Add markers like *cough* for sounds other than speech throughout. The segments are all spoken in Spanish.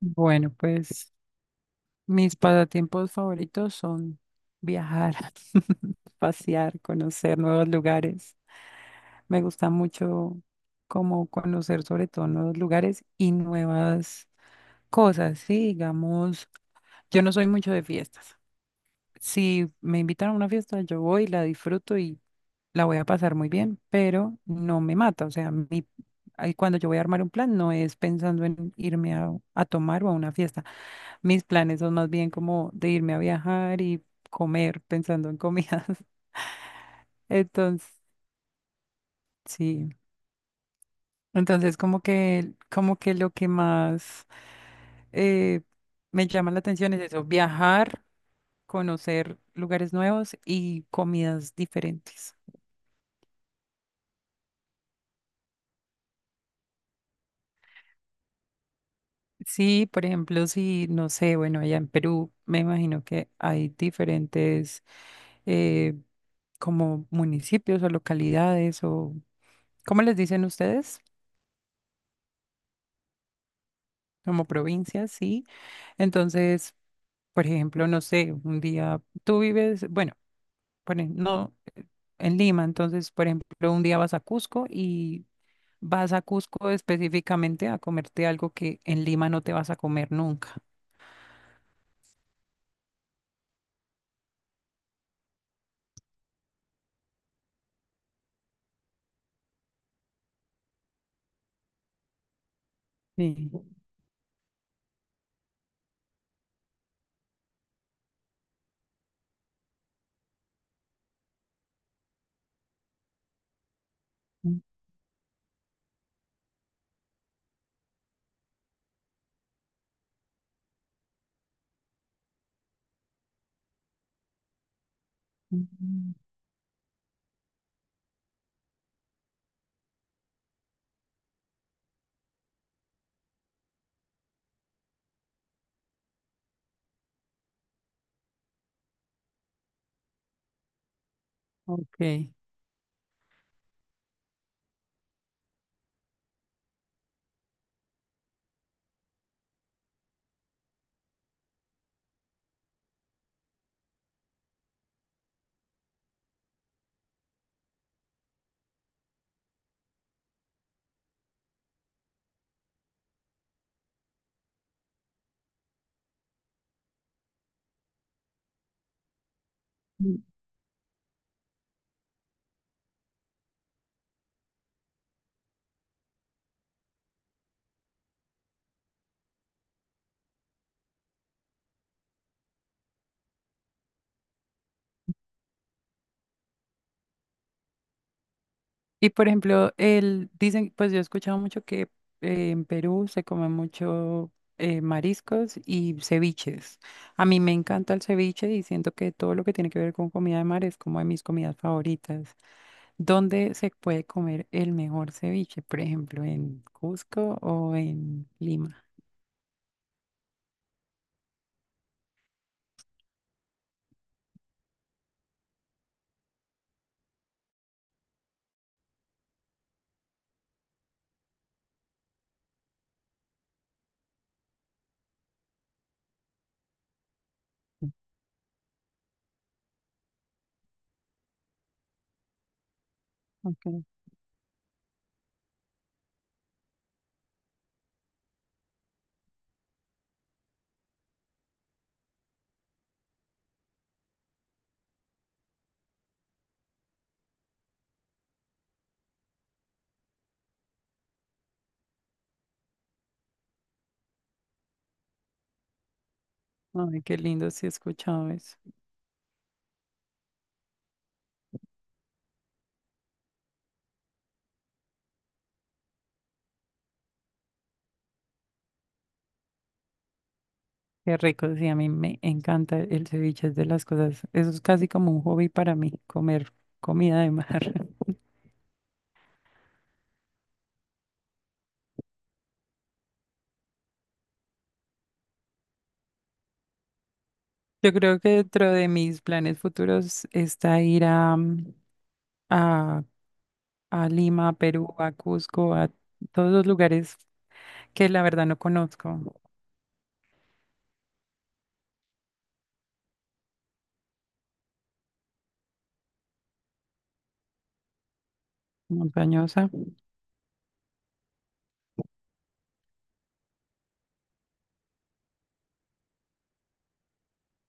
Bueno, pues mis pasatiempos favoritos son viajar, *laughs* pasear, conocer nuevos lugares. Me gusta mucho como conocer sobre todo nuevos lugares y nuevas cosas, sí, digamos, yo no soy mucho de fiestas. Si me invitan a una fiesta, yo voy, la disfruto y la voy a pasar muy bien, pero no me mata. O sea, ahí cuando yo voy a armar un plan, no es pensando en irme a tomar o a una fiesta. Mis planes son más bien como de irme a viajar y comer pensando en comidas. *laughs* Entonces, sí. Entonces, como que lo que más eh, me llama la atención es eso, viajar, conocer lugares nuevos y comidas diferentes. Sí, por ejemplo, si, no sé, bueno, allá en Perú me imagino que hay diferentes eh, como municipios o localidades o, ¿cómo les dicen ustedes? Como provincias, sí. Entonces, por ejemplo, no sé, un día tú vives, bueno, por no en Lima, entonces, por ejemplo, un día vas a Cusco y vas a Cusco específicamente a comerte algo que en Lima no te vas a comer nunca. Sí. Mm, mm, ok. Y por ejemplo, el, dicen, pues yo he escuchado mucho que en Perú se come mucho mariscos y ceviches. A mí me encanta el ceviche y siento que todo lo que tiene que ver con comida de mar es como de mis comidas favoritas. ¿Dónde se puede comer el mejor ceviche? Por ejemplo, ¿en Cusco o en Lima? Okay. Ay, qué lindo, sí, he escuchado eso. Qué rico, sí, a mí me encanta el ceviche, es de las cosas, eso es casi como un hobby para mí, comer comida de mar. *laughs* Yo creo que dentro de mis planes futuros está ir a, a Lima, a Perú, a Cusco, a todos los lugares que la verdad no conozco. Montañosa,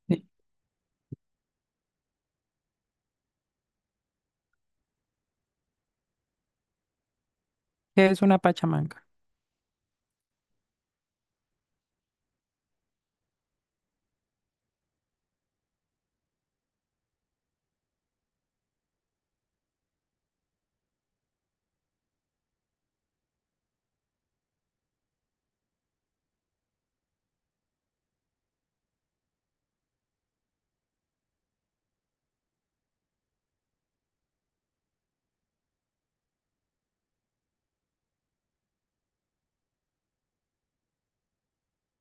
sí, que es una pachamanca.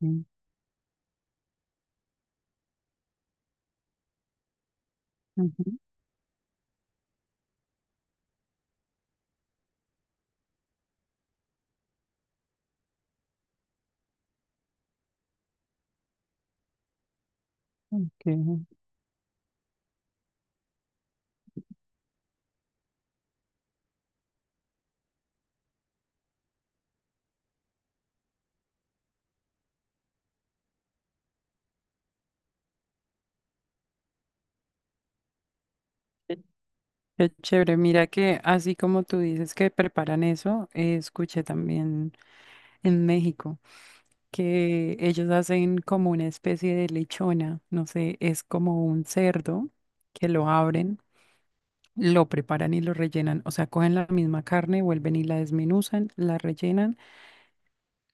Mm, ujú, ok. Qué qué chévere. Mira que así como tú dices que preparan eso, escuché también en México que ellos hacen como una especie de lechona, no sé, es como un cerdo que lo abren. Lo preparan y lo rellenan, o sea, cogen la misma carne, vuelven y la desmenuzan, la rellenan,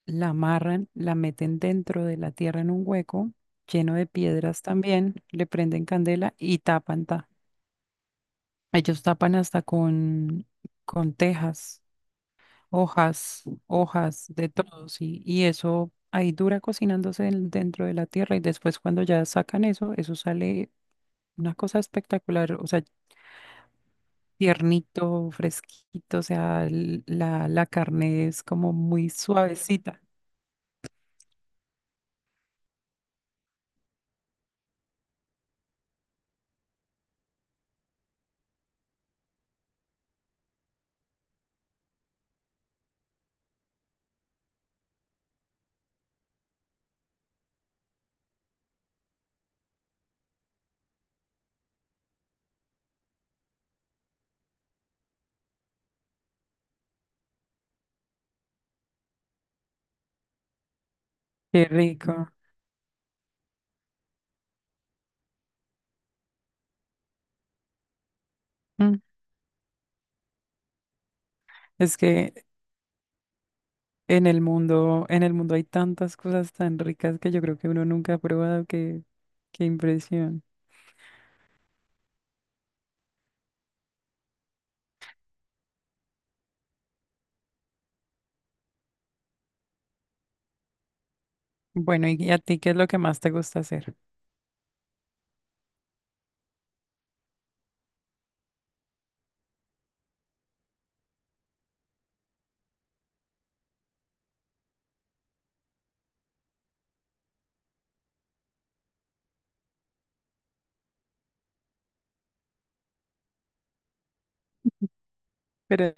la amarran, la meten dentro de la tierra en un hueco lleno de piedras también, le prenden candela y tapan. Ellos tapan hasta con tejas, hojas de todo, sí, y eso ahí dura cocinándose dentro de la tierra y después cuando ya sacan eso, eso sale una cosa espectacular, o sea, tiernito, fresquito, o sea, la carne es como muy suavecita. Qué rico. Mm. Es que en el mundo hay tantas cosas tan ricas que yo creo que uno nunca ha probado, que, qué impresión. Bueno, ¿y a ti qué es lo que más te gusta hacer? Pero,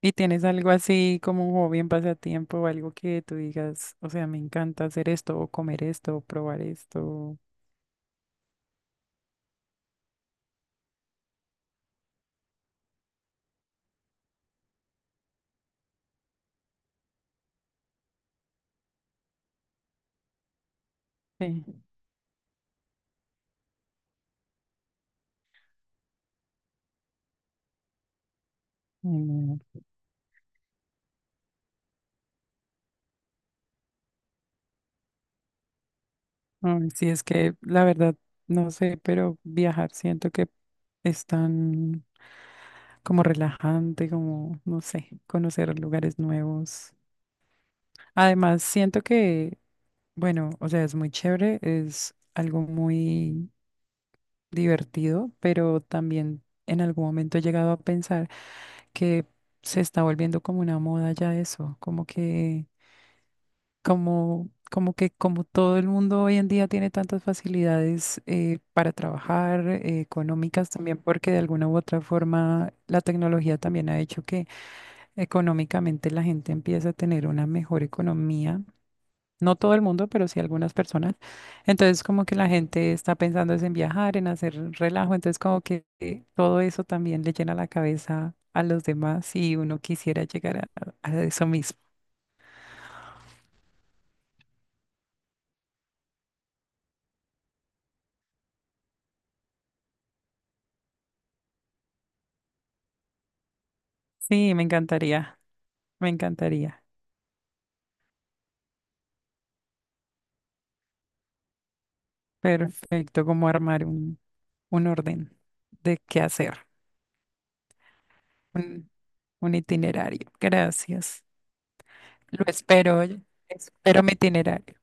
¿y tienes algo así como un hobby, un pasatiempo o algo que tú digas, o sea, me encanta hacer esto o comer esto o probar esto? Sí. Mm, ay, sí, es que la verdad, no sé, pero viajar siento que es tan como relajante, como, no sé, conocer lugares nuevos. Además, siento que, bueno, o sea, es muy chévere, es algo muy divertido, pero también en algún momento he llegado a pensar que se está volviendo como una moda ya eso, como que como todo el mundo hoy en día tiene tantas facilidades para trabajar, económicas también, porque de alguna u otra forma la tecnología también ha hecho que económicamente la gente empieza a tener una mejor economía. No todo el mundo, pero sí algunas personas. Entonces, como que la gente está pensando es en viajar, en hacer relajo. Entonces, como que todo eso también le llena la cabeza a los demás y uno quisiera llegar a eso mismo. Sí, me encantaría, me encantaría. Perfecto, como armar un orden de qué hacer, un, un itinerario. Gracias. Lo espero, oye. Espero mi itinerario.